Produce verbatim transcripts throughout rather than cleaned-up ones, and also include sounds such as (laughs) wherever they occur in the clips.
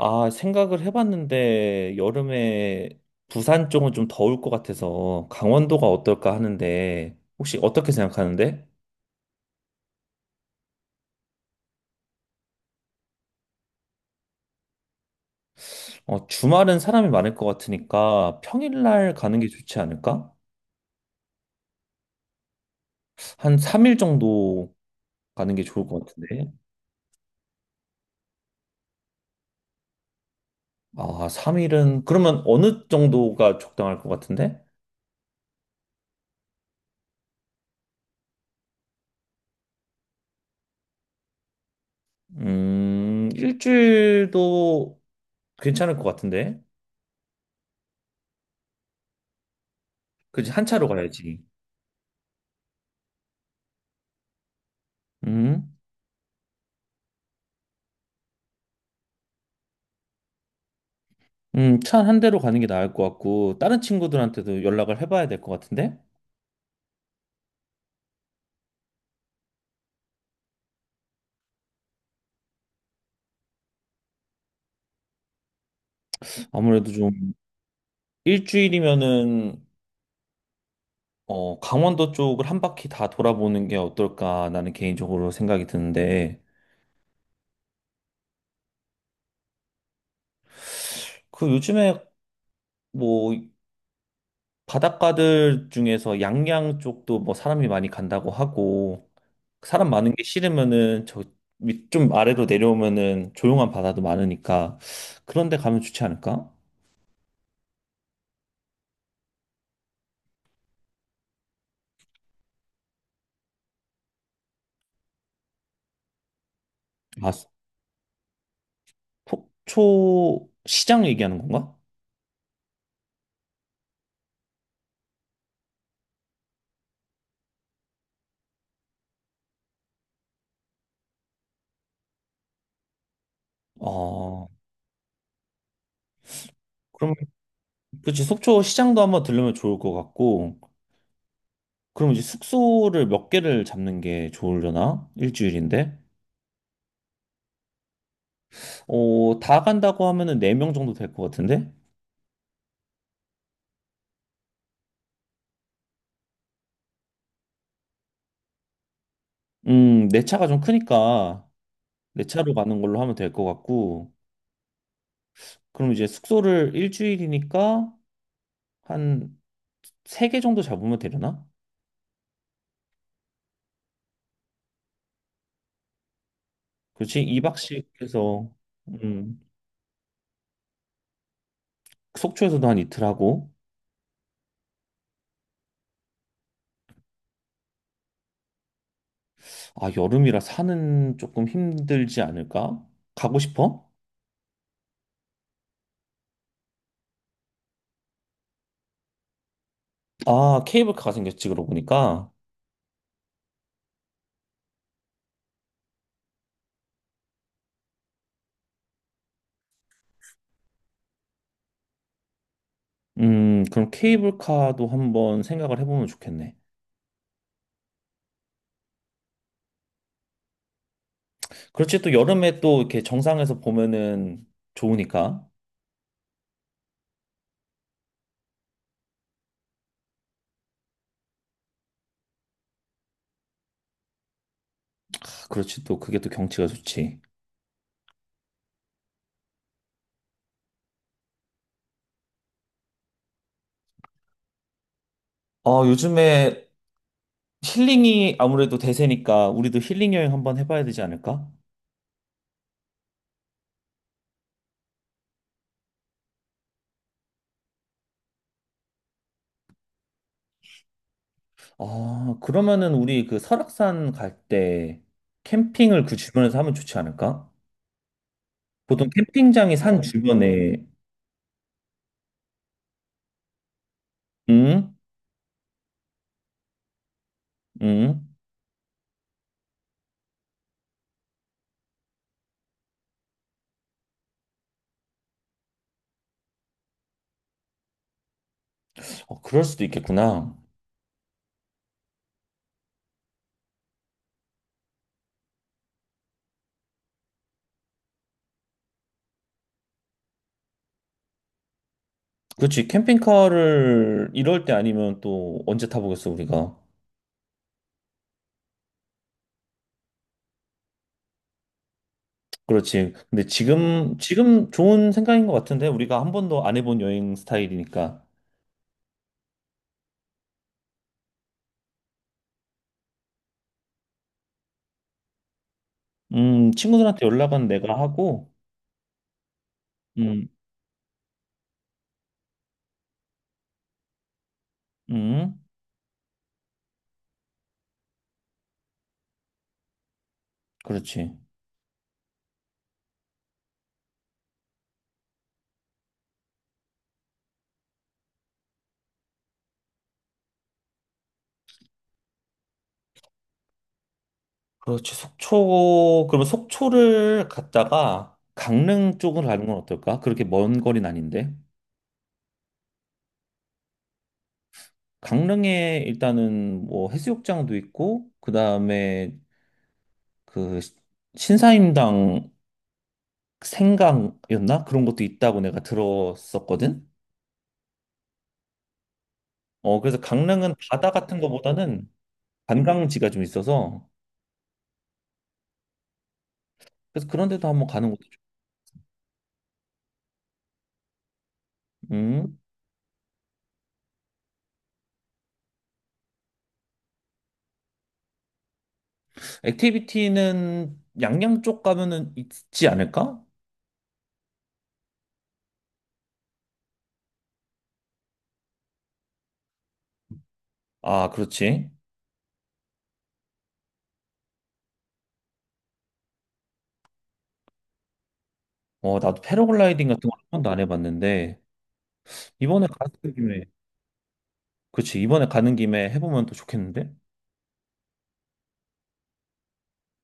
아, 생각을 해봤는데 여름에 부산 쪽은 좀 더울 것 같아서 강원도가 어떨까 하는데 혹시 어떻게 생각하는데? 어, 주말은 사람이 많을 것 같으니까 평일날 가는 게 좋지 않을까? 한 삼 일 정도 가는 게 좋을 것 같은데. 아, 삼 일은 그러면 어느 정도가 적당할 것 같은데? 음, 일주일도 괜찮을 것 같은데. 그치, 한 차로 가야지. 음. 음, 차 한 대로 가는 게 나을 것 같고, 다른 친구들한테도 연락을 해봐야 될 것 같은데? 아무래도 좀 일주일이면은, 어, 강원도 쪽을 한 바퀴 다 돌아보는 게 어떨까, 나는 개인적으로 생각이 드는데, 그 요즘에 뭐, 바닷가들 중에서 양양 쪽도 뭐 사람이 많이 간다고 하고, 사람 많은 게 싫으면은, 저, 밑 좀 아래로 내려오면은 조용한 바다도 많으니까, 그런 데 가면 좋지 않을까? 아, 속초 시장 얘기하는 건가? 아, 그럼 그치 속초 시장도 한번 들르면 좋을 것 같고 그럼 이제 숙소를 몇 개를 잡는 게 좋으려나? 일주일인데? 어, 다 간다고 하면은 네 명 정도 될 것 같은데? 음, 내 차가 좀 크니까 내 차로 가는 걸로 하면 될 것 같고 그럼 이제 숙소를 일주일이니까 한 세 개 정도 잡으면 되려나? 그렇지 이 박씩 해서 음, 속초에서도 한 이틀 하고 아, 여름이라 산은 조금 힘들지 않을까? 가고 싶어? 아, 케이블카가 생겼지, 그러고 보니까. 음, 그럼 케이블카도 한번 생각을 해보면 좋겠네. 그렇지, 또 여름에 또 이렇게 정상에서 보면은 좋으니까. 아, 그렇지, 또 그게 또 경치가 좋지. 어, 요즘에 힐링이 아무래도 대세니까 우리도 힐링 여행 한번 해봐야 되지 않을까? 아, 그러면은 우리 그 설악산 갈 때 캠핑을 그 주변에서 하면 좋지 않을까? 보통 캠핑장이 산 주변에, 응? 응? 어, 그럴 수도 있겠구나. 그렇지. 캠핑카를 이럴 때 아니면 또 언제 타보겠어, 우리가. 그렇지. 근데 지금, 지금 좋은 생각인 것 같은데, 우리가 한 번도 안 해본 여행 스타일이니까. 음, 친구들한테 연락은 내가 하고, 음, 음, 그렇지. 그렇지. 속초, 그러면 속초를 갔다가 강릉 쪽으로 가는 건 어떨까? 그렇게 먼 거리는 아닌데. 강릉에 일단은 뭐 해수욕장도 있고, 그 다음에 그 신사임당 생강이었나? 그런 것도 있다고 내가 들었었거든. 어, 그래서 강릉은 바다 같은 거보다는 관광지가 좀 있어서 그래서 그런 데도 한번 가는 것도 좋 음. 액티비티는 양양 쪽 가면은 있지 않을까? 아, 그렇지. 어, 나도 패러글라이딩 같은 거 한 번도 안 해봤는데 이번에 가는 김에 그치 이번에 가는 김에 해보면 또 좋겠는데?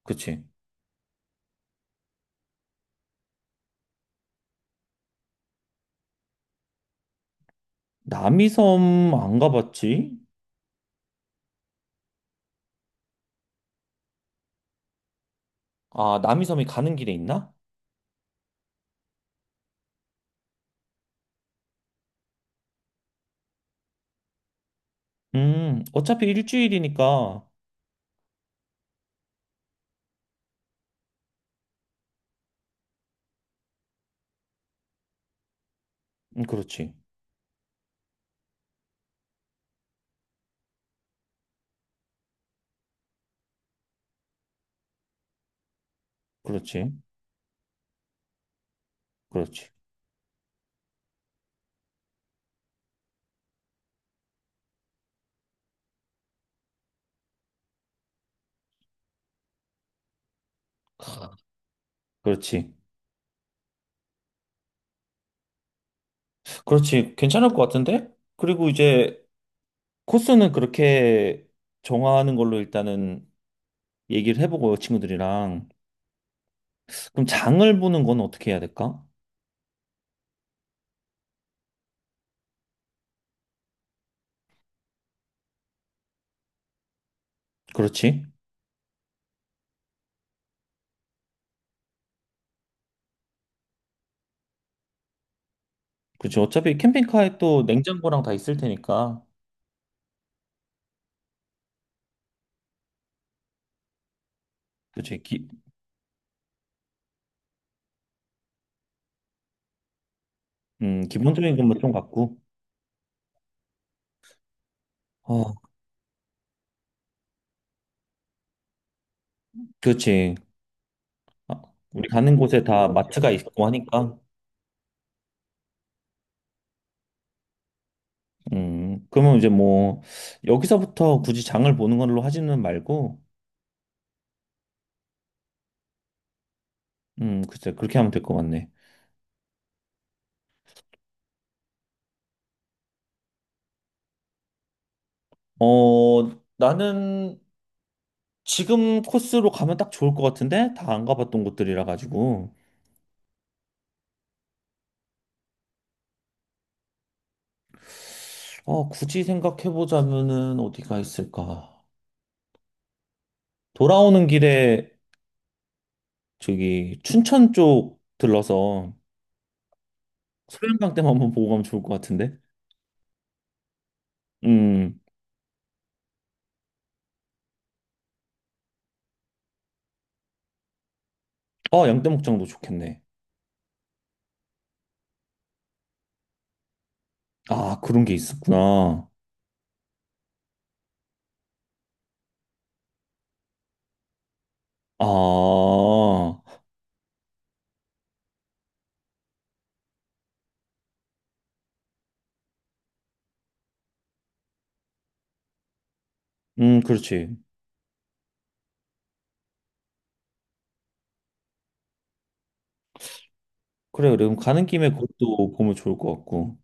그치. 남이섬 안 가봤지? 아, 남이섬이 가는 길에 있나? 음, 어차피 일주일이니까 음, 그렇지. 그렇지. 그렇지. 그렇지. 그렇지. 괜찮을 것 같은데? 그리고 이제 코스는 그렇게 정하는 걸로 일단은 얘기를 해보고 친구들이랑. 그럼 장을 보는 건 어떻게 해야 될까? 그렇지. 그렇지. 어차피 캠핑카에 또 냉장고랑 다 있을 테니까. 그렇지. 기, 음, 기본적인 것만 좀 갖고. 어, 그렇지. 아, 우리 가는 곳에 다 마트가 있고 하니까. 음, 그러면 이제 뭐 여기서부터 굳이 장을 보는 걸로 하지는 말고 음, 글쎄, 그렇게 하면 될 것 같네. 어, 나는 지금 코스로 가면 딱 좋을 것 같은데? 다 안 가봤던 곳들이라 가지고. 어, 굳이 생각해보자면은 어디가 있을까? 돌아오는 길에 저기 춘천 쪽 들러서 소양강댐 한번 보고 가면 좋을 것 같은데? 음, 어, 양떼목장도 좋겠네. 아, 그런 게 있었구나. 아, 음, 그렇지. 그래, 그래. 그럼 가는 김에 그것도 보면 좋을 것 같고.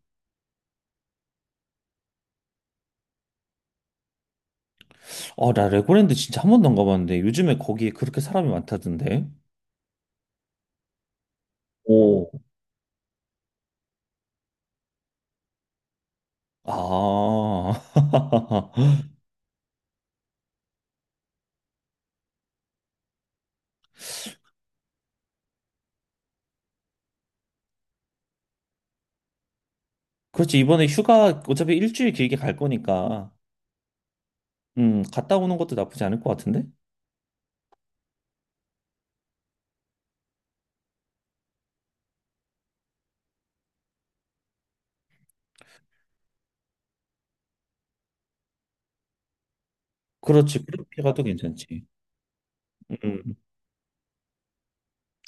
아, 나 레고랜드 진짜 한 번도 안 가봤는데 요즘에 거기에 그렇게 사람이 많다던데. 오, 아, (laughs) 그렇지. 이번에 휴가 어차피 일주일 길게 갈 거니까, 음, 갔다 오는 것도 나쁘지 않을 것 같은데? 그렇지. 그렇게 가도 괜찮지. 음,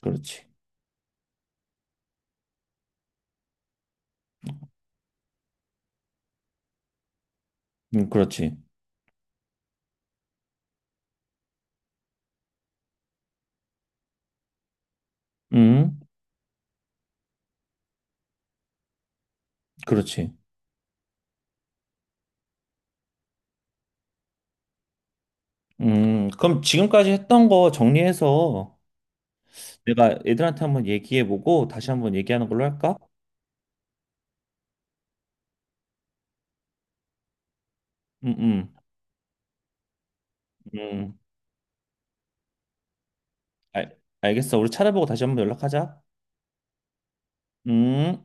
그렇지. 음, 그렇지. 음, 그렇지. 음, 그럼 지금까지 했던 거 정리해서 내가 애들한테 한번 얘기해보고 다시 한번 얘기하는 걸로 할까? 음, 음, 음. 알, 알겠어. 우리 찾아보고 다시 한번 연락하자. 음.